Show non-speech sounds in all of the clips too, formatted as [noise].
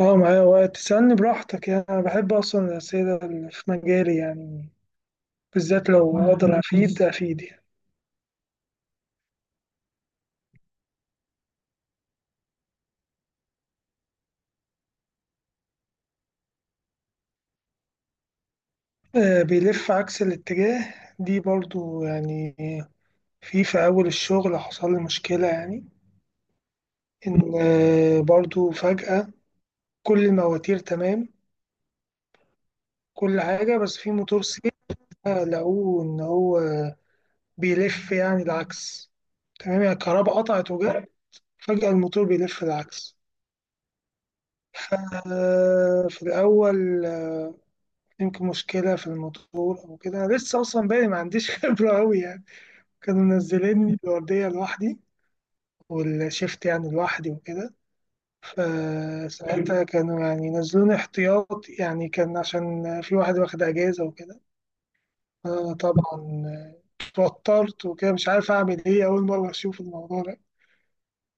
اه معايا وقت، تسألني براحتك. يعني أنا بحب أصلا الأسئلة اللي في مجالي، يعني بالذات لو أقدر أفيد أفيد يعني. بيلف عكس الاتجاه دي برضو، يعني في أول الشغل حصل لي مشكلة يعني. إن برضو فجأة كل المواتير تمام، كل حاجة، بس في موتور سير لقوه إن هو بيلف يعني العكس. تمام، يعني الكهرباء قطعت وجت فجأة الموتور بيلف العكس. في الأول يمكن مشكلة في الموتور أو كده، لسه أصلا باقي ما عنديش [laughs] خبرة أوي يعني. كانوا منزليني الوردية لوحدي، والشيفت يعني لوحدي وكده، فساعتها كانوا يعني نزلوني احتياط، يعني كان عشان في واحد واخد أجازة وكده. أنا طبعا اتوترت وكده، مش عارف أعمل إيه، أول مرة أشوف الموضوع ده.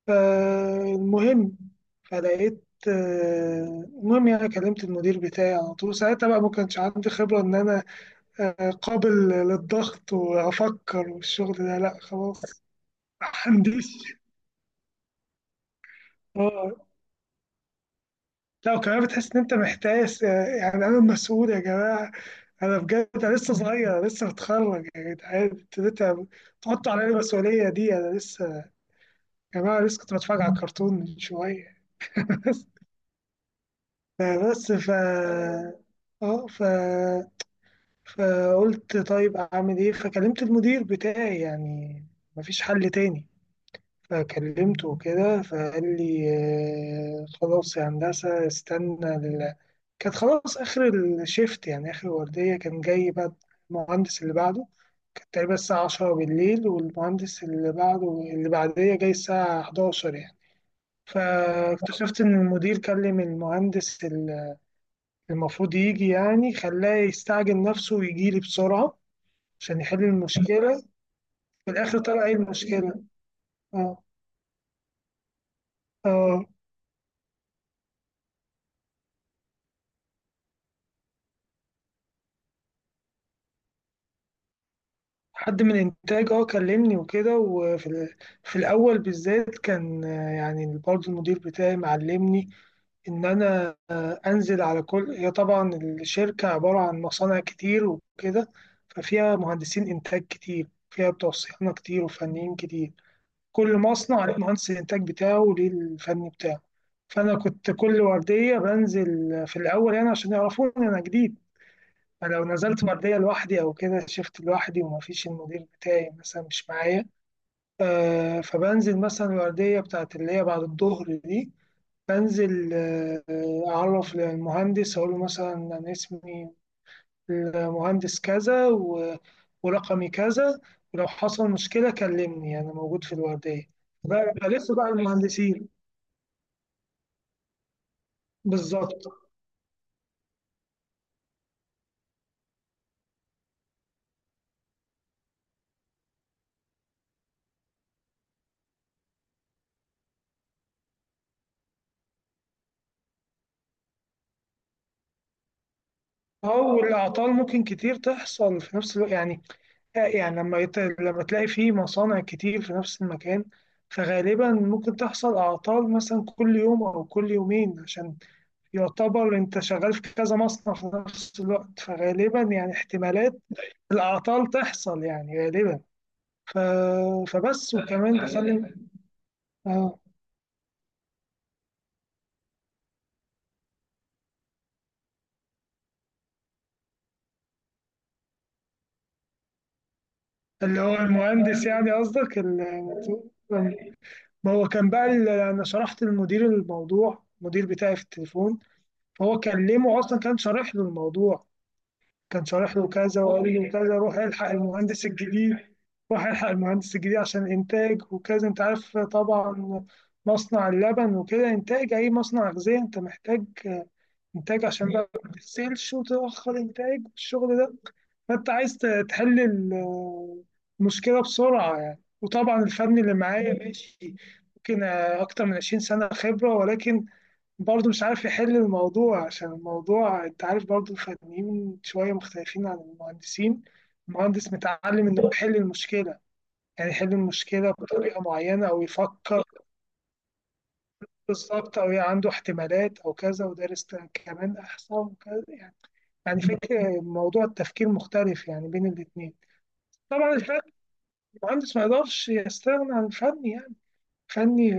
فالمهم فلقيت آه، المهم يعني كلمت المدير بتاعي على طول، ساعتها بقى ما كانش عندي خبرة إن أنا قابل للضغط وأفكر، والشغل ده لأ خلاص. مهندس. اه لا، وكمان بتحس إن أنت محتاس، يعني أنا مسؤول يا جماعة، أنا بجد أنا لسه صغير، أنا لسه بتخرج، يا جدعان أنتوا ليه تحطوا عليا المسؤولية دي؟ أنا لسه، يا جماعة لسه كنت بتفرج على الكرتون من شوية. [laughs] بس ف اه ف فقلت طيب أعمل إيه؟ فكلمت المدير بتاعي، يعني مفيش حل تاني. فكلمته وكده فقال لي خلاص يا هندسة استنى ال... كانت خلاص آخر الشيفت يعني، آخر الوردية كان جاي بقى المهندس اللي بعده. كانت تقريبا الساعة عشرة بالليل، والمهندس اللي بعده، اللي بعدية جاي الساعة حداشر يعني. فاكتشفت إن المدير كلم المهندس اللي المفروض يجي، يعني خلاه يستعجل نفسه ويجيلي بسرعة عشان يحل المشكلة. في الآخر طلع إيه المشكلة؟ آه آه حد من انتاج كلمني وكده. في الاول بالذات كان يعني برضه المدير بتاعي معلمني ان انا انزل على كل، هي طبعا الشركه عباره عن مصانع كتير وكده، ففيها مهندسين انتاج كتير، فيها بتوع صيانه كتير وفنيين كتير. كل مصنع ليه مهندس الانتاج بتاعه وليه الفني بتاعه. فانا كنت كل ورديه بنزل في الاول، يعني عشان يعرفوني انا جديد. فلو نزلت مردية لوحدي أو كده، شفت لوحدي ومفيش المدير بتاعي مثلا مش معايا، فبنزل مثلا الوردية بتاعت اللي هي بعد الظهر دي. بنزل أعرف للمهندس، أقول له مثلا أنا اسمي المهندس كذا، ورقمي كذا، ولو حصل مشكلة كلمني أنا موجود في الوردية. بقى لسه بقى المهندسين. بالظبط. أو الأعطال ممكن كتير تحصل في نفس الوقت يعني، يعني لما تلاقي فيه مصانع كتير في نفس المكان، فغالبا ممكن تحصل أعطال مثلا كل يوم أو كل يومين، عشان يعتبر أنت شغال في كذا مصنع في نفس الوقت، فغالبا يعني احتمالات الأعطال تحصل يعني غالبا. ف... فبس، وكمان بخلي. اه اللي هو المهندس يعني، قصدك ما هو كان بقى أنا شرحت للمدير الموضوع، المدير بتاعي في التليفون فهو كلمه أصلا، كان شارح له الموضوع، كان شارح له كذا وقال له كذا: روح الحق المهندس الجديد. روح الحق المهندس الجديد عشان انتاج وكذا، انت عارف طبعا مصنع اللبن وكده، انتاج اي مصنع غذائي انت محتاج انتاج، عشان بقى ما تغسلش وتاخر انتاج الشغل ده. فانت عايز تحل المشكله بسرعه يعني. وطبعا الفني اللي معايا ماشي ممكن اكتر من 20 سنه خبره، ولكن برضه مش عارف يحل الموضوع، عشان الموضوع انت عارف برضه الفنيين شوية مختلفين عن المهندسين. المهندس متعلم انه يحل المشكلة، يعني يحل المشكلة بطريقة معينة او يفكر، بالظبط، او يعني عنده احتمالات او كذا، ودارس كمان احصاء وكذا يعني، يعني فكرة موضوع التفكير مختلف يعني بين الاتنين. طبعا الفن، المهندس ما يقدرش يستغنى عن الفن يعني، فني.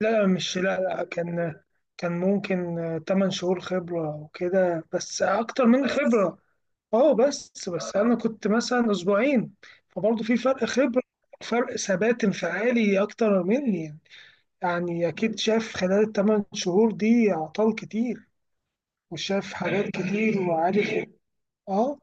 لا، لا، مش، لا، لا، كان ممكن 8 شهور خبرة وكده، بس أكتر من، بس خبرة. أه بس أنا كنت مثلا أسبوعين، فبرضه في فرق خبرة، فرق ثبات انفعالي أكتر مني. يعني أكيد شاف خلال الثمان شهور دي أعطال كتير، وشاف حاجات كتير وعارف. أه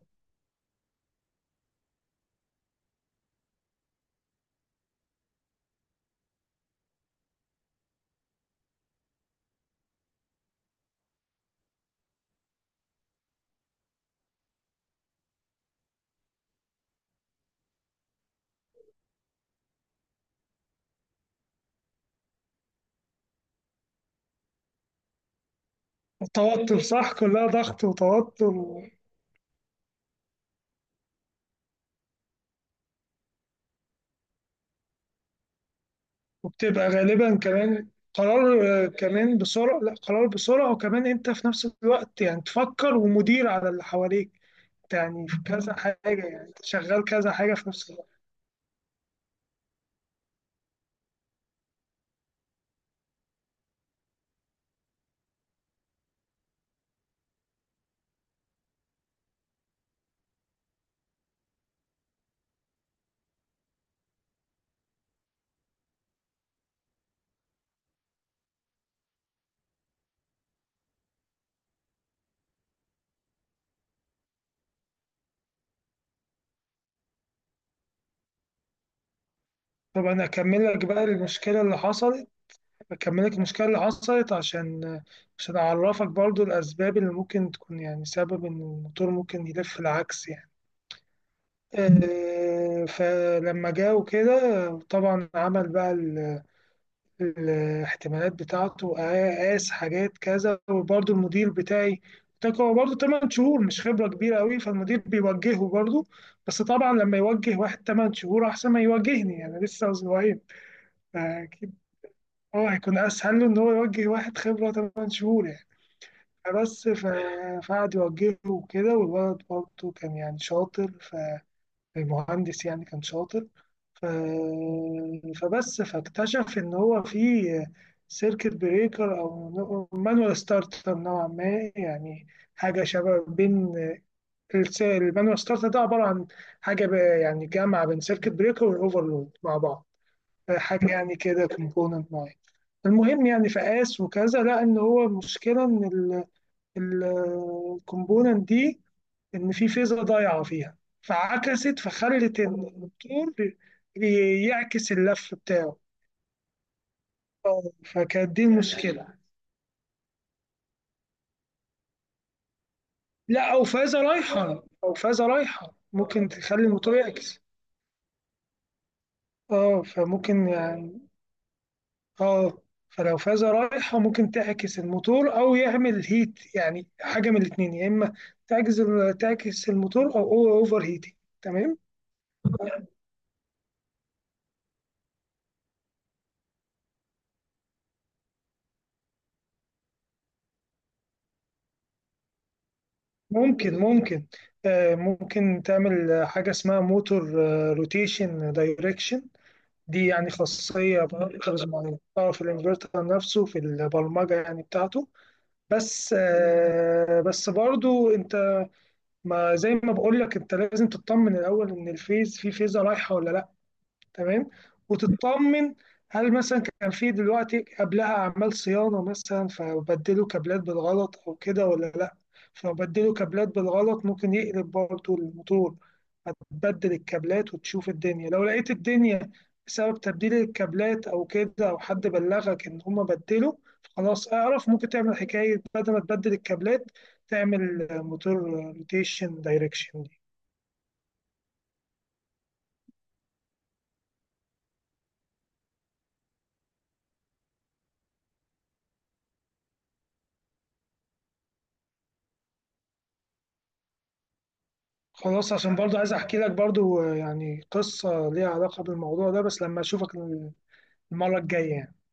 التوتر صح، كلها ضغط وتوتر. وبتبقى غالبا كمان قرار، كمان بسرعة. لا، قرار بسرعة، وكمان انت في نفس الوقت يعني تفكر ومدير على اللي حواليك، يعني في كذا حاجة، يعني أنت شغال كذا حاجة في نفس الوقت. طب أنا أكمل لك بقى المشكلة اللي حصلت. أكمل لك المشكلة اللي حصلت عشان عشان أعرفك برضو الأسباب اللي ممكن تكون يعني سبب إن الموتور ممكن يلف العكس يعني. فلما جه وكده طبعا عمل بقى الاحتمالات بتاعته، قاس حاجات كذا، وبرضه المدير بتاعي قلت هو برضه 8 شهور مش خبرة كبيرة قوي، فالمدير بيوجهه برضه. بس طبعا لما يوجه واحد 8 شهور أحسن ما يوجهني، يعني لسه أسبوعين. فأكيد هو هيكون أسهل له إن هو يوجه واحد خبرة 8 شهور يعني. فبس ف- فقعد يوجهه وكده، والولد برضه كان يعني شاطر، فالمهندس يعني كان شاطر. فبس فاكتشف ان هو في سيركت بريكر او مانوال ستارتر نوعا ما، يعني حاجه شبه بين المانوال ستارتر ده عباره عن حاجه ب- يعني جامعه بين سيركت بريكر والاوفرلود مع بعض، حاجه يعني كده كومبوننت معين. المهم يعني فقاس وكذا، لقى ان هو المشكله ان الكومبوننت دي، إن في فيزا ضايعة فيها فعكست، فخلت إن الدكتور يعكس اللف بتاعه. فكانت دي المشكلة. لا، أو فازة رايحة، أو فازة رايحة ممكن تخلي الموتور يعكس. اه فممكن يعني. اه فلو فازة رايحة ممكن تعكس الموتور أو يعمل هيت، يعني حاجة من الاتنين: يا إما تعكس، تعكس الموتور، أو أوفر هيتنج. تمام. ممكن ممكن ممكن تعمل حاجة اسمها موتور روتيشن دايركشن. دي يعني خاصية بانفرترز معينة، اه في الانفرتر نفسه في البرمجة يعني بتاعته. بس بس برضو انت، ما زي ما بقول لك انت لازم تطمن الاول ان الفيز في فيزة رايحة ولا لا. تمام. وتطمن هل مثلا كان في دلوقتي قبلها اعمال صيانه مثلا، فبدلوا كابلات بالغلط او كده ولا لا. فبدلوا كابلات بالغلط ممكن يقلب برضه الموتور. هتبدل الكابلات وتشوف الدنيا، لو لقيت الدنيا بسبب تبديل الكابلات او كده، او حد بلغك ان هما بدلوا، خلاص اعرف. ممكن تعمل حكايه بدل ما تبدل الكابلات، تعمل موتور روتيشن دايركشن. خلاص، عشان برضو عايز احكي لك برضو يعني قصة ليها علاقة بالموضوع ده، بس لما اشوفك المرة الجاية يعني.